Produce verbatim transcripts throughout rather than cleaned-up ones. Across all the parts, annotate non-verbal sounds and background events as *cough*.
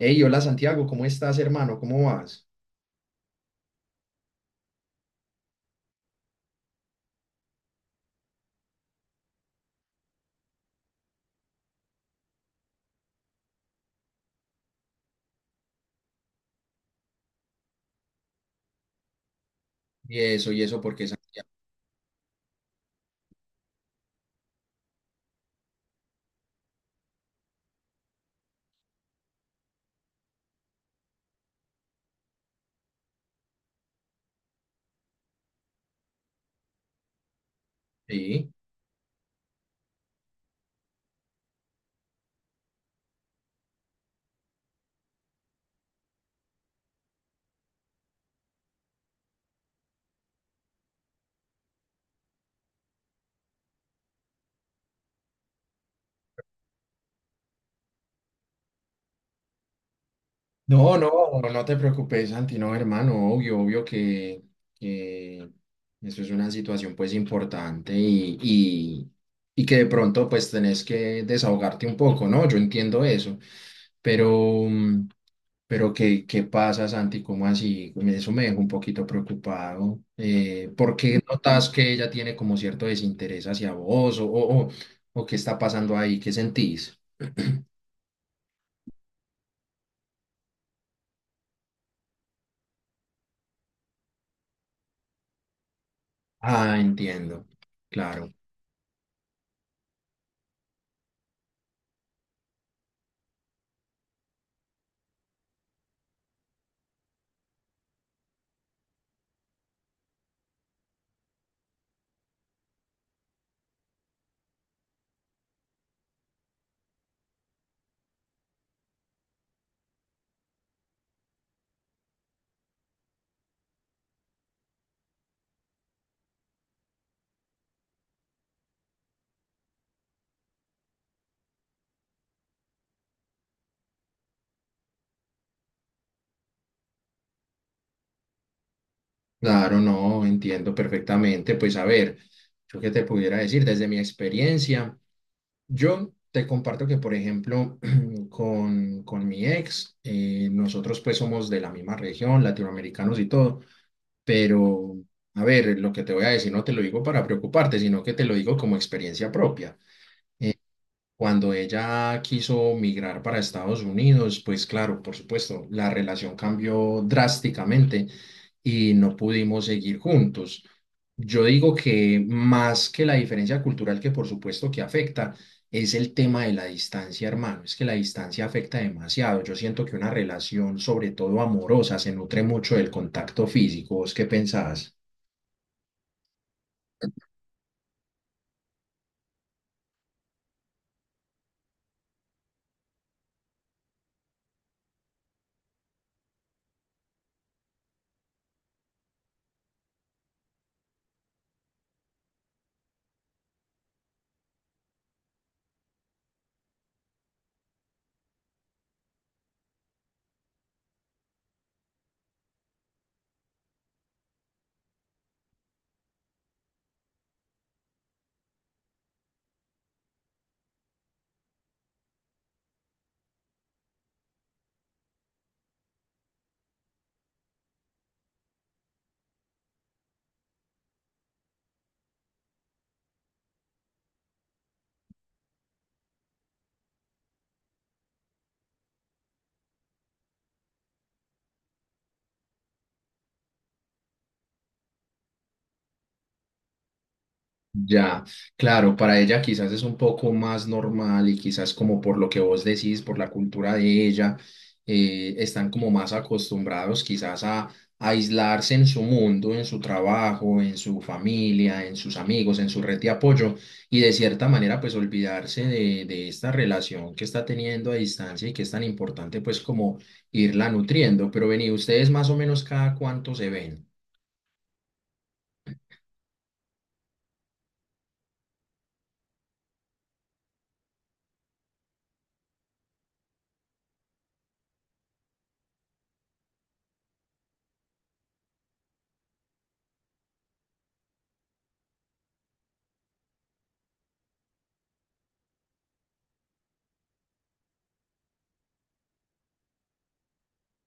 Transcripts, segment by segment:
Hey, hola Santiago, ¿cómo estás, hermano? ¿Cómo vas? ¿Y eso, y eso, porque Santiago? Sí. No, no, no te preocupes, Santi, no, hermano, obvio, obvio que, que eso es una situación pues importante y, y, y que de pronto pues tenés que desahogarte un poco, ¿no? Yo entiendo eso, pero, mm, pero ¿qué, qué pasa, Santi? ¿Cómo así? Eso me dejó un poquito preocupado. ¿Eh, por qué notas que ella tiene como cierto desinterés hacia vos o, o, o o qué está pasando ahí? ¿Qué sentís? *clears throat* Ah, entiendo, claro. Claro, no, entiendo perfectamente. Pues a ver, yo qué te pudiera decir desde mi experiencia. Yo te comparto que, por ejemplo, *clears throat* con, con mi ex, eh, nosotros pues somos de la misma región, latinoamericanos y todo, pero a ver, lo que te voy a decir no te lo digo para preocuparte, sino que te lo digo como experiencia propia. Cuando ella quiso migrar para Estados Unidos, pues claro, por supuesto, la relación cambió drásticamente y no pudimos seguir juntos. Yo digo que más que la diferencia cultural que por supuesto que afecta, es el tema de la distancia, hermano. Es que la distancia afecta demasiado. Yo siento que una relación, sobre todo amorosa, se nutre mucho del contacto físico. ¿Vos qué pensás? Ya, claro, para ella quizás es un poco más normal y quizás como por lo que vos decís, por la cultura de ella, eh, están como más acostumbrados quizás a, a aislarse en su mundo, en su trabajo, en su familia, en sus amigos, en su red de apoyo y de cierta manera pues olvidarse de, de esta relación que está teniendo a distancia y que es tan importante pues como irla nutriendo. Pero vení, ustedes más o menos cada cuánto se ven.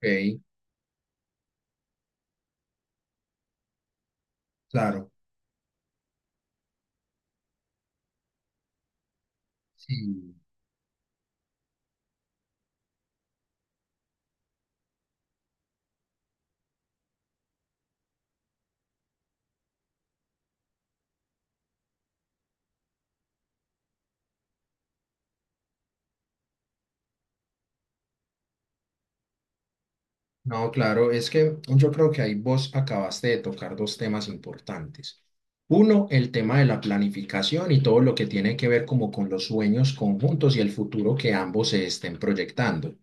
Ok, claro. Sí. No, claro, es que yo creo que ahí vos acabaste de tocar dos temas importantes. Uno, el tema de la planificación y todo lo que tiene que ver como con los sueños conjuntos y el futuro que ambos se estén proyectando.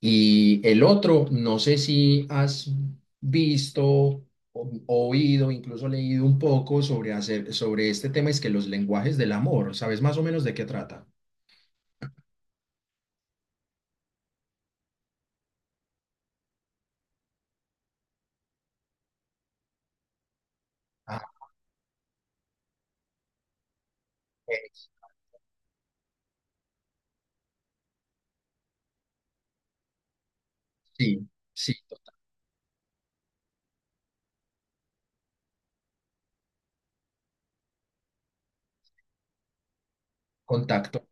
Y el otro, no sé si has visto, o- oído, incluso leído un poco sobre hacer, sobre este tema, es que los lenguajes del amor, ¿sabes más o menos de qué trata? Ah, eh, sí, sí, contacto.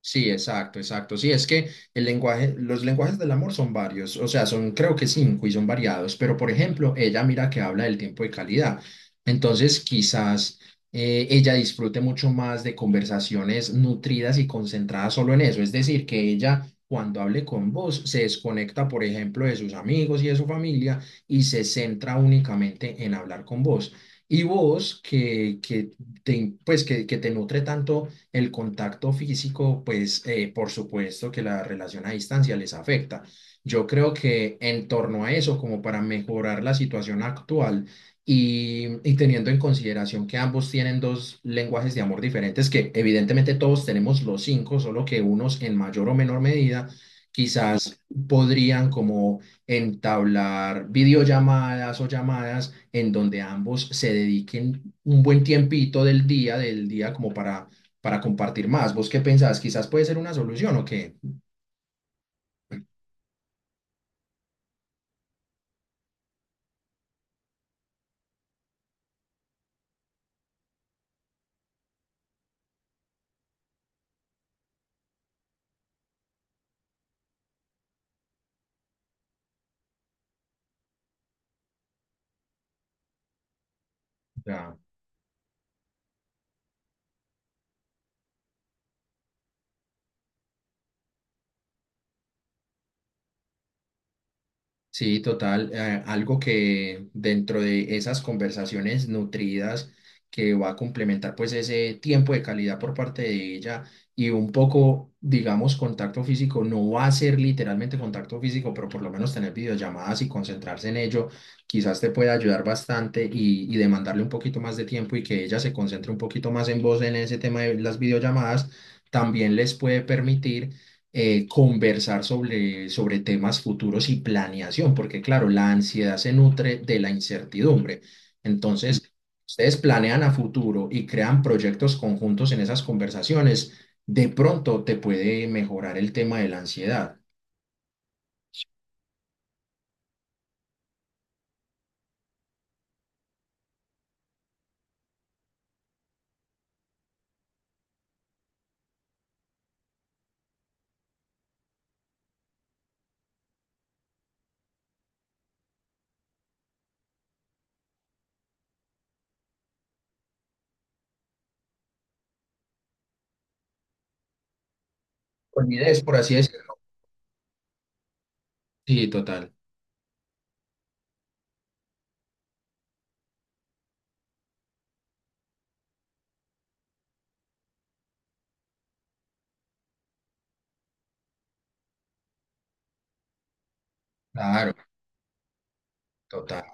Sí, exacto, exacto. Sí, es que el lenguaje, los lenguajes del amor son varios, o sea, son creo que cinco y son variados, pero por ejemplo, ella mira que habla del tiempo de calidad. Entonces, quizás eh, ella disfrute mucho más de conversaciones nutridas y concentradas solo en eso. Es decir, que ella cuando hable con vos se desconecta, por ejemplo, de sus amigos y de su familia y se centra únicamente en hablar con vos. Y vos que, que te, pues, que, que te nutre tanto el contacto físico, pues eh, por supuesto que la relación a distancia les afecta. Yo creo que en torno a eso, como para mejorar la situación actual y, y teniendo en consideración que ambos tienen dos lenguajes de amor diferentes, que evidentemente todos tenemos los cinco, solo que unos en mayor o menor medida, quizás podrían como entablar videollamadas o llamadas en donde ambos se dediquen un buen tiempito del día, del día como para para compartir más. ¿Vos qué pensás? Quizás puede ser una solución o qué. Ya. Sí, total. Eh, algo que dentro de esas conversaciones nutridas que va a complementar pues ese tiempo de calidad por parte de ella y un poco, digamos, contacto físico, no va a ser literalmente contacto físico, pero por lo menos tener videollamadas y concentrarse en ello, quizás te puede ayudar bastante y, y demandarle un poquito más de tiempo y que ella se concentre un poquito más en vos en ese tema de las videollamadas, también les puede permitir eh, conversar sobre, sobre temas futuros y planeación, porque claro, la ansiedad se nutre de la incertidumbre. Entonces, ustedes planean a futuro y crean proyectos conjuntos en esas conversaciones, de pronto te puede mejorar el tema de la ansiedad. Olvides, por así decirlo. Sí, total. Claro, total.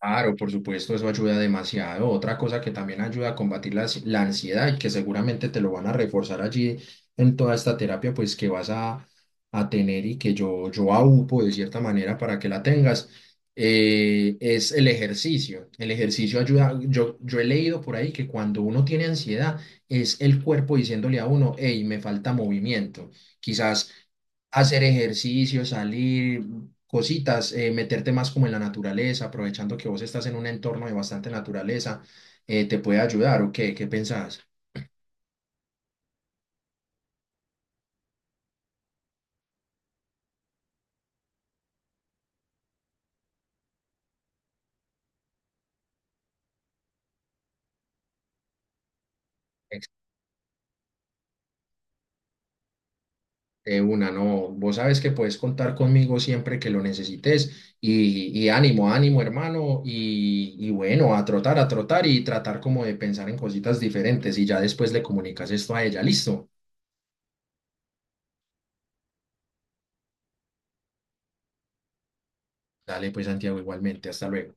Claro, por supuesto, eso ayuda demasiado. Otra cosa que también ayuda a combatir la, ansi- la ansiedad y que seguramente te lo van a reforzar allí en toda esta terapia, pues que vas a, a tener y que yo, yo aupo de cierta manera para que la tengas, eh, es el ejercicio. El ejercicio ayuda, yo, yo he leído por ahí que cuando uno tiene ansiedad es el cuerpo diciéndole a uno, hey, me falta movimiento. Quizás hacer ejercicio, salir cositas, eh, meterte más como en la naturaleza, aprovechando que vos estás en un entorno de bastante naturaleza, eh, te puede ayudar o qué, ¿qué pensás? Ex- De una, no, vos sabes que puedes contar conmigo siempre que lo necesites y, y ánimo, ánimo hermano y, y bueno, a trotar, a trotar y tratar como de pensar en cositas diferentes y ya después le comunicas esto a ella, listo. Dale pues Santiago igualmente, hasta luego.